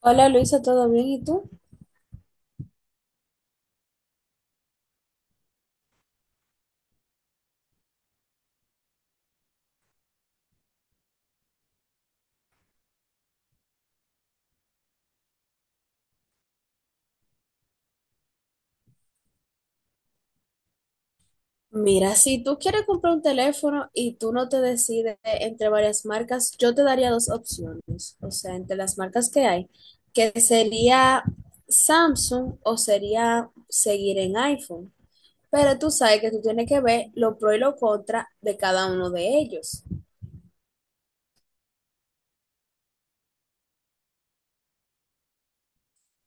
Hola Luisa, ¿todo bien? ¿Y tú? Mira, si tú quieres comprar un teléfono y tú no te decides entre varias marcas, yo te daría dos opciones, o sea, entre las marcas que hay, que sería Samsung o sería seguir en iPhone. Pero tú sabes que tú tienes que ver lo pro y lo contra de cada uno de ellos.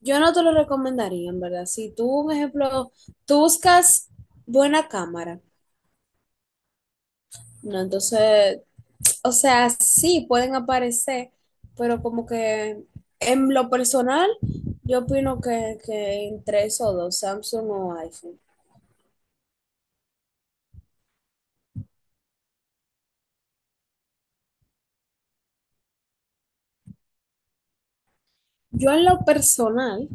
Yo no te lo recomendaría, en verdad. Si tú, un ejemplo, tú buscas buena cámara, no, entonces o sea, sí pueden aparecer, pero como que en lo personal, yo opino que entre esos dos, Samsung o iPhone. Yo en lo personal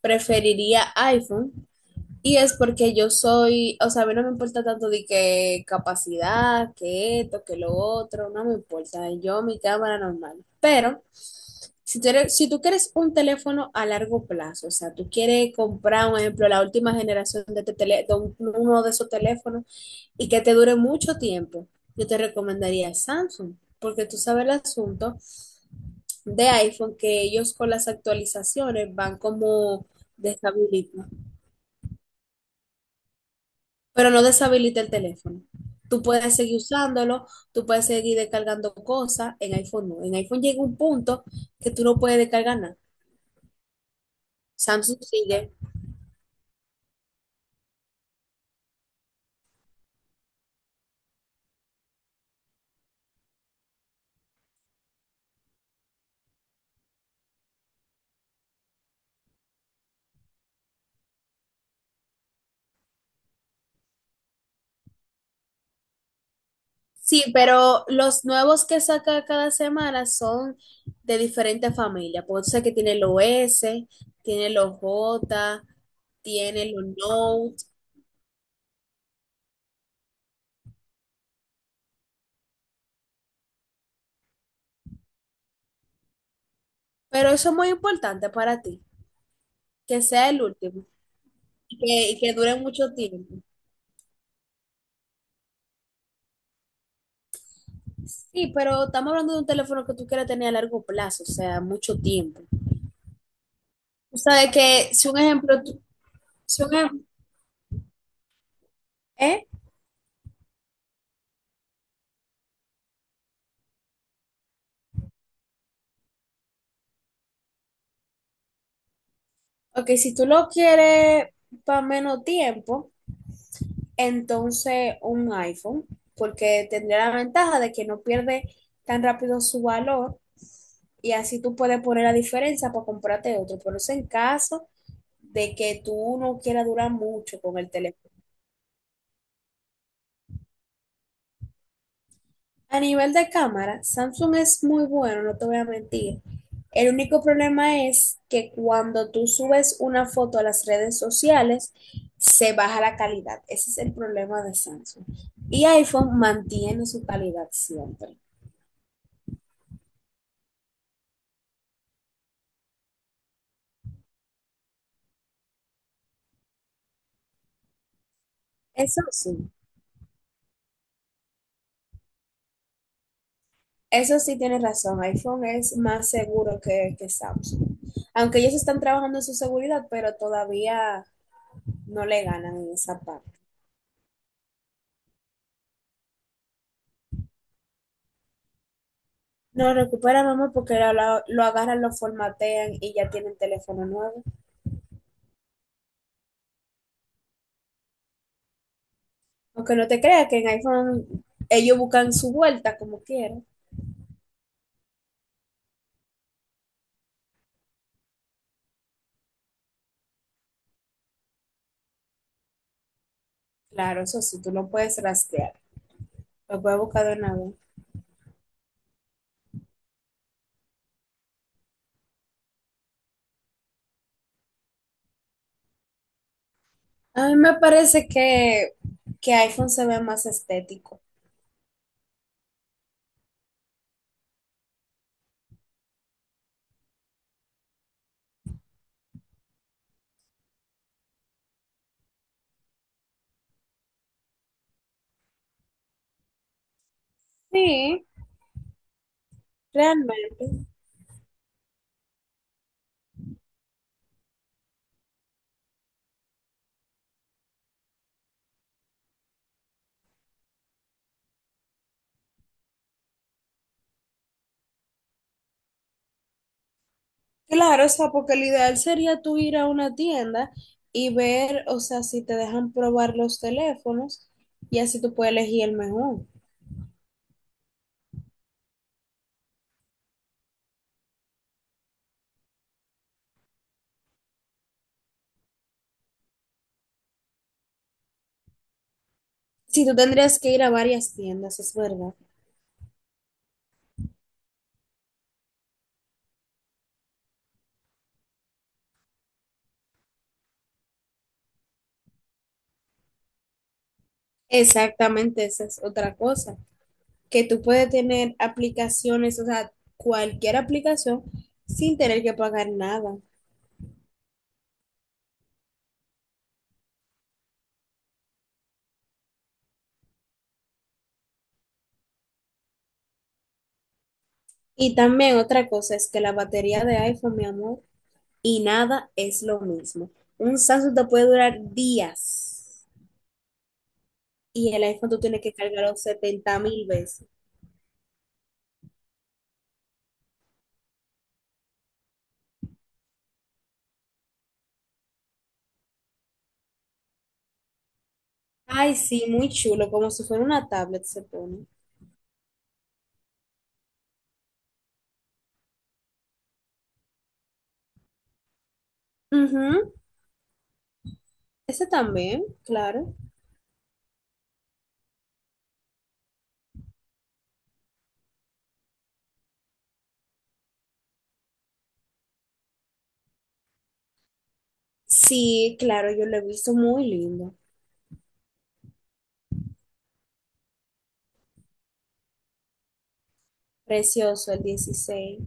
preferiría iPhone. Y es porque yo soy, o sea, a mí no me importa tanto de que capacidad, que esto, que lo otro, no me importa. Yo, mi cámara normal. Pero si tú, si tú quieres un teléfono a largo plazo, o sea, tú quieres comprar, por ejemplo, la última generación de, uno de esos teléfonos y que te dure mucho tiempo, yo te recomendaría Samsung, porque tú sabes el asunto de iPhone, que ellos con las actualizaciones van como deshabilitando. Pero no deshabilita el teléfono. Tú puedes seguir usándolo, tú puedes seguir descargando cosas, en iPhone no. En iPhone llega un punto que tú no puedes descargar nada. Samsung sigue. Sí, pero los nuevos que saca cada semana son de diferentes familias. Porque tú sabes que tiene los S, tiene los J, tiene los Note. Pero eso es muy importante para ti, que sea el último y que dure mucho tiempo. Sí, pero estamos hablando de un teléfono que tú quieres tener a largo plazo, o sea, mucho tiempo. Tú sabes que si un ejemplo, si un ejemplo, ¿eh? Ok, si tú lo quieres para menos tiempo, entonces un iPhone, porque tendría la ventaja de que no pierde tan rápido su valor y así tú puedes poner la diferencia para comprarte otro. Pero eso en caso de que tú no quieras durar mucho con el teléfono. A nivel de cámara, Samsung es muy bueno, no te voy a mentir. El único problema es que cuando tú subes una foto a las redes sociales, se baja la calidad. Ese es el problema de Samsung. Y iPhone mantiene su calidad siempre. Eso sí, eso sí tienes razón. iPhone es más seguro que Samsung. Aunque ellos están trabajando en su seguridad, pero todavía no le ganan en esa parte. No recupera, mamá, porque lo agarran, lo formatean y ya tienen teléfono nuevo. Aunque no te creas que en iPhone ellos buscan su vuelta como quieran. Claro, eso sí, tú lo puedes rastrear. Lo puedes buscar de una vez. A mí me parece que iPhone se ve más estético. Sí, realmente. Claro, o sea, porque lo ideal sería tú ir a una tienda y ver, o sea, si te dejan probar los teléfonos y así tú puedes elegir el mejor. Si tú tendrías que ir a varias tiendas, es verdad. Exactamente, esa es otra cosa, que tú puedes tener aplicaciones, o sea, cualquier aplicación sin tener que pagar nada. Y también otra cosa es que la batería de iPhone, mi amor, y nada es lo mismo. Un Samsung te puede durar días y el iPhone tú tienes que cargarlo 70.000 veces. Ay, sí, muy chulo, como si fuera una tablet se pone. Ujú, ese también, claro. Sí, claro, yo lo he visto muy lindo, precioso el 16.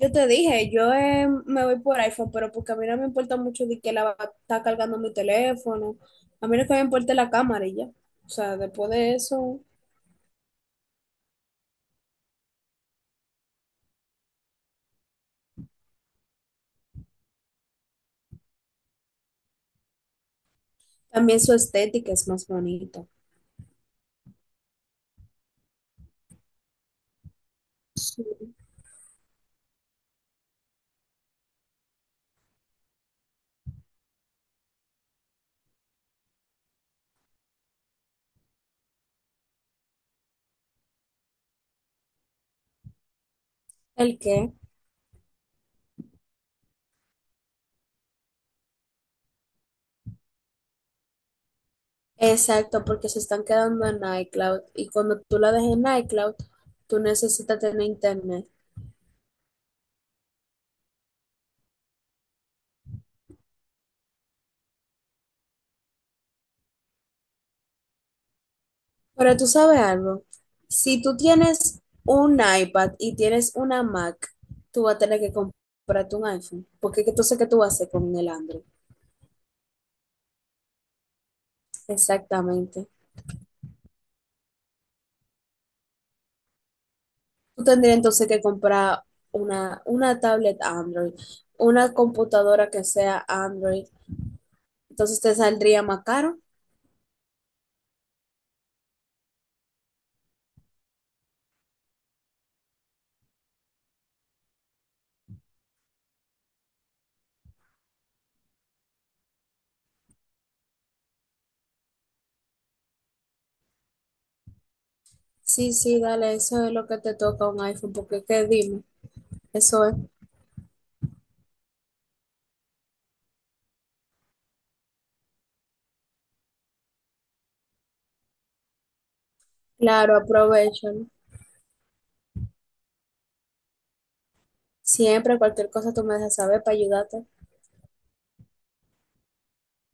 Yo te dije, yo me voy por iPhone, pero porque a mí no me importa mucho de que la va a estar cargando mi teléfono, a mí lo que me importa es la cámara y ya. O sea, después de eso, también su estética es más bonita. Sí. ¿El qué? Exacto, porque se están quedando en iCloud y cuando tú la dejes en iCloud, tú necesitas tener internet. Pero tú sabes algo, si tú tienes un iPad y tienes una Mac, tú vas a tener que comprarte un iPhone, porque entonces, ¿qué tú vas a hacer con el Android? Exactamente. Tú tendrías entonces que comprar una tablet Android, una computadora que sea Android, entonces te saldría más caro. Sí, sí, dale, eso es lo que te toca un iPhone, porque qué dime, eso es. Claro, aprovecho. ¿No? Siempre cualquier cosa tú me dejas saber para ayudarte.